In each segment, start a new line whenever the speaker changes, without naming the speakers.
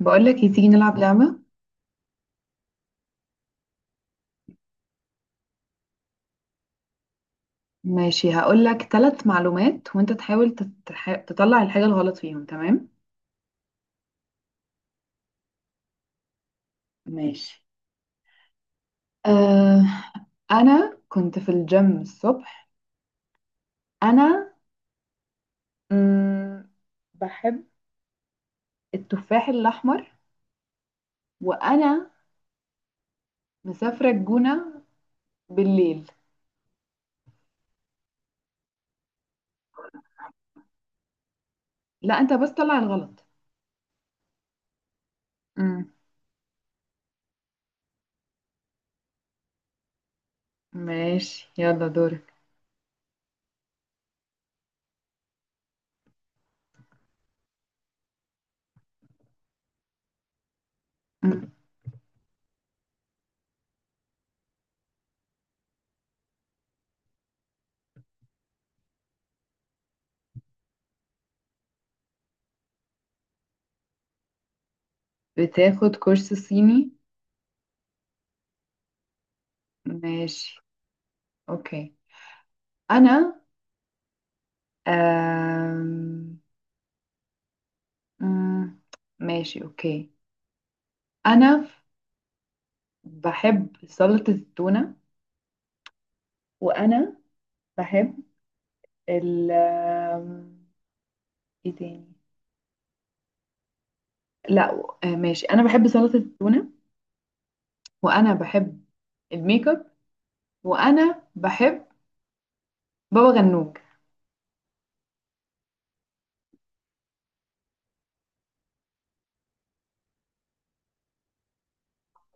بقولك إيه، تيجي نلعب لعبة. ماشي، هقولك ثلاث معلومات وانت تحاول تطلع الحاجة الغلط فيهم. تمام. ماشي. آه... انا كنت في الجيم الصبح. انا مم... بحب التفاح الاحمر. وانا مسافرة الجونة بالليل. لا، انت بس طلع الغلط. مم. ماشي، يلا دورك. مم. بتاخد كورس صيني؟ ماشي. اوكي. انا آه... مم. ماشي اوكي. انا ف- بحب سلطة التونة. وانا بحب ال آم، ايه تاني؟ لا. ماشي، انا بحب سلطة التونة. وانا بحب الميك اب. وانا بحب بابا غنوج.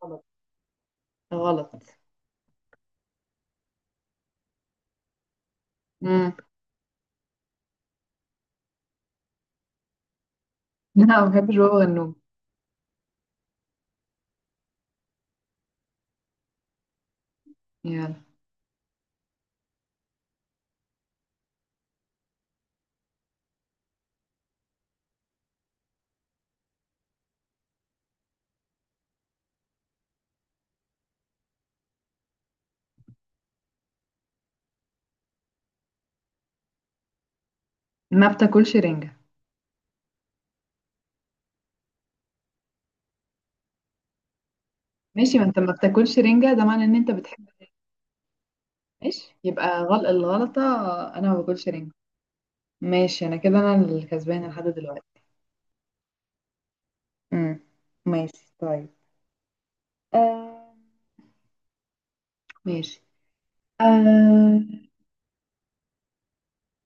غلط. غلط. مم. لا ما بحبش بابا غنوج. يلا، ما بتاكلش رنجة. ماشي، ما انت ما بتاكلش رنجة ده معنى ان انت بتحب. ماشي، يبقى غلط الغلطة. انا ما باكلش رنجة. ماشي، انا كده انا الكسبانة لحد دلوقتي. امم ماشي طيب. آه ماشي. آه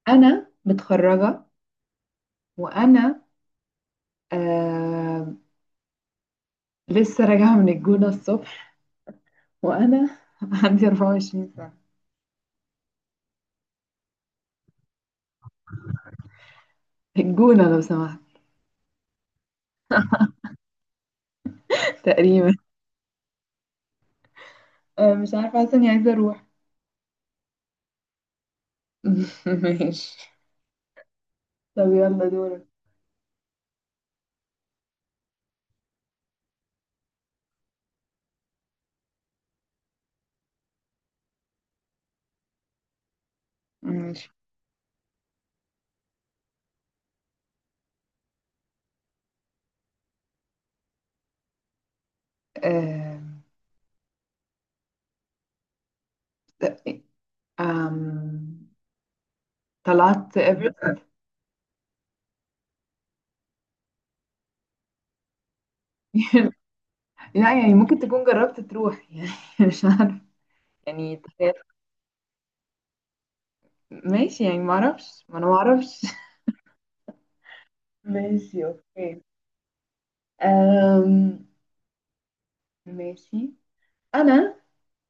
انا متخرجة. وانا آه لسه راجعة من الجونة الصبح. وانا عندي 24 سنة. الجونة لو سمحت. تقريبا. آه، مش عارفة، حاسة اني عايزة اروح. ماشي، طب يلا دورك. ماشي. آه آم، طلعت ايفرست. لا يعني ممكن تكون جربت تروح، يعني مش عارفة. يعني ماشي، يعني ما اعرفش، ما انا ما اعرفش. ماشي اوكي. أم... ماشي. انا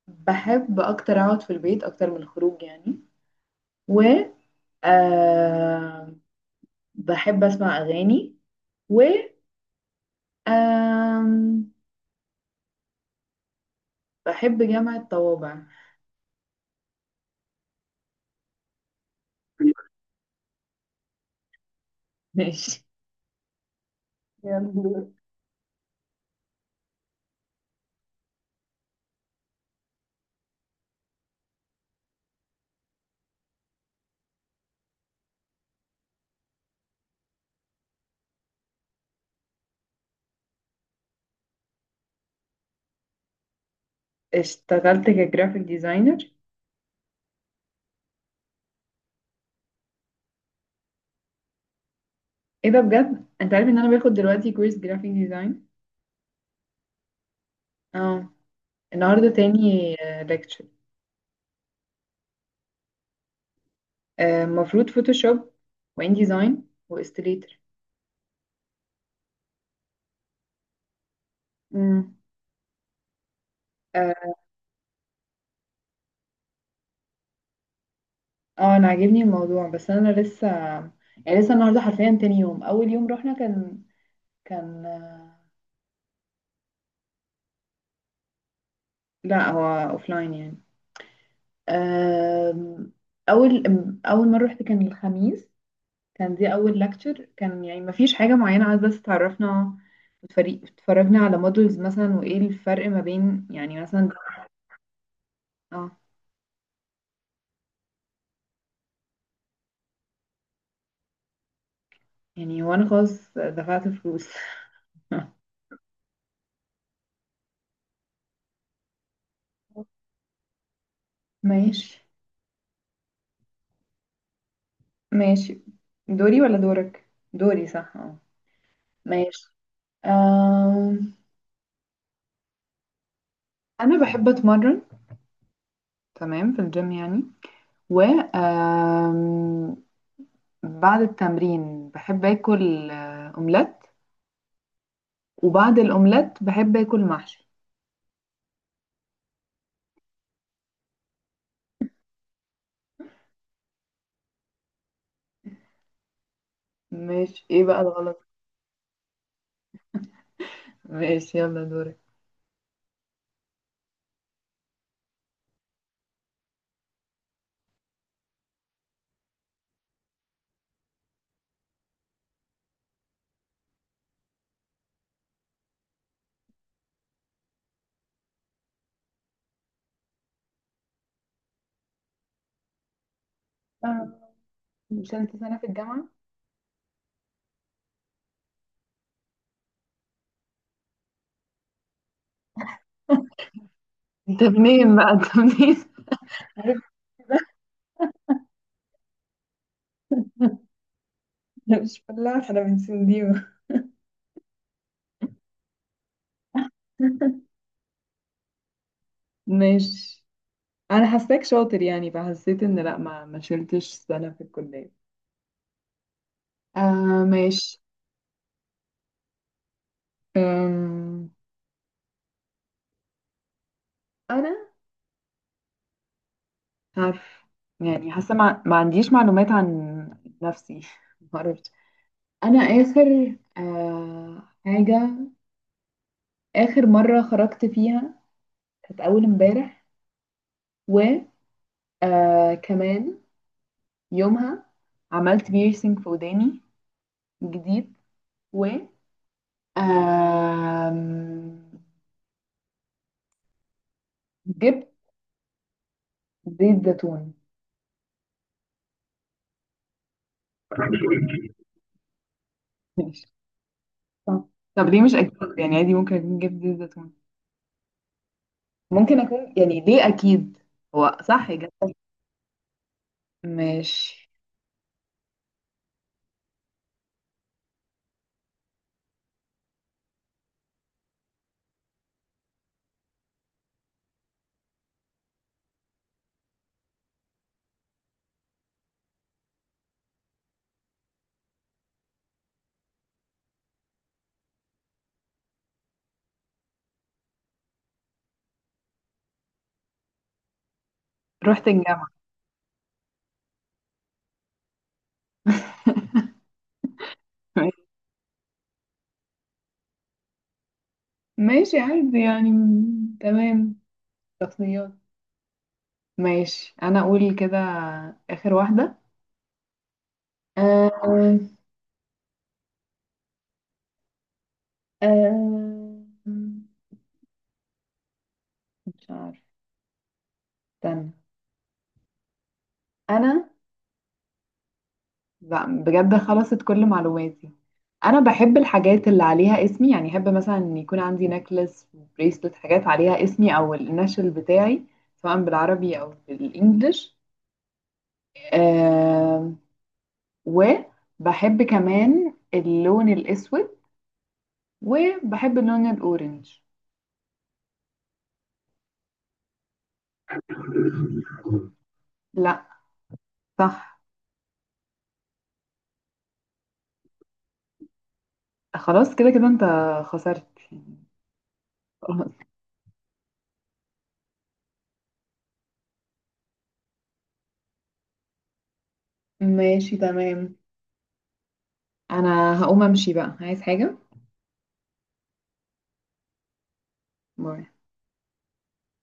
بحب اكتر اقعد في البيت اكتر من الخروج يعني. و أم... بحب اسمع اغاني. و أم... بحب جامعة طوابع. ماشي. يلا. اشتغلت كجرافيك ديزاينر؟ ايه ده بجد، انت عارف ان انا باخد دلوقتي كورس جرافيك ديزاين. اه، النهارده تاني ليكتشر. المفروض فوتوشوب وان ديزاين واستليتر. امم اه آه، انا عاجبني الموضوع، بس انا لسه، يعني لسه النهارده حرفيا تاني يوم، اول يوم رحنا كان. لا هو لاين يعني. آم، اول اول مره رحت كان الخميس، كان دي اول lecture. كان يعني ما فيش حاجه معينه، عايز بس تعرفنا. اتفرجنا على مودلز مثلا، وايه الفرق ما بين يعني مثلا. اه يعني، وانا خلاص دفعت فلوس. ماشي. ماشي دوري ولا دورك؟ دوري صح، اه، ماشي. آم، انا بحب اتمرن، تمام، في الجيم يعني. و بعد التمرين بحب اكل اومليت. وبعد الاومليت بحب اكل محشي. ماشي، ايه بقى الغلط؟ ماشي يلا دورك. آه، مش انت سنة في الجامعة. انت منين بقى، انت منين؟ عارف، انا مش فلاح، انا من سنديو. ماشي، انا حاساك شاطر يعني، فحسيت ان لا، ما شلتش سنه في الكليه. آه ماشي. أم... انا عارف، يعني حاسه ما عنديش معلومات عن نفسي. ما اعرفش. انا اخر حاجه، اخر مره خرجت فيها كانت اول امبارح. و كمان يومها عملت بيرسينج في وداني جديد. و آم، جبت زيت زيتون. صح. طب ليه مش اكيد، يعني عادي ممكن اكون جبت زيت زيتون. ممكن اكون، يعني ليه اكيد، هو صح جبت. ماشي. رحت الجامعة. ماشي، عادي يعني تمام. شخصيات. ماشي، انا اقول كده اخر واحدة. آه آه آه، مش عارف، استنى. انا لا بجد خلصت كل معلوماتي. انا بحب الحاجات اللي عليها اسمي، يعني احب مثلا ان يكون عندي نكلس بريسلت، حاجات عليها اسمي او النشل بتاعي، سواء بالعربي او بالانجلش. آه، وبحب كمان اللون الاسود. وبحب اللون الاورنج. لا، صح. خلاص كده كده انت خسرت. خلاص. ماشي تمام. انا هقوم امشي بقى، عايز حاجة؟ باي.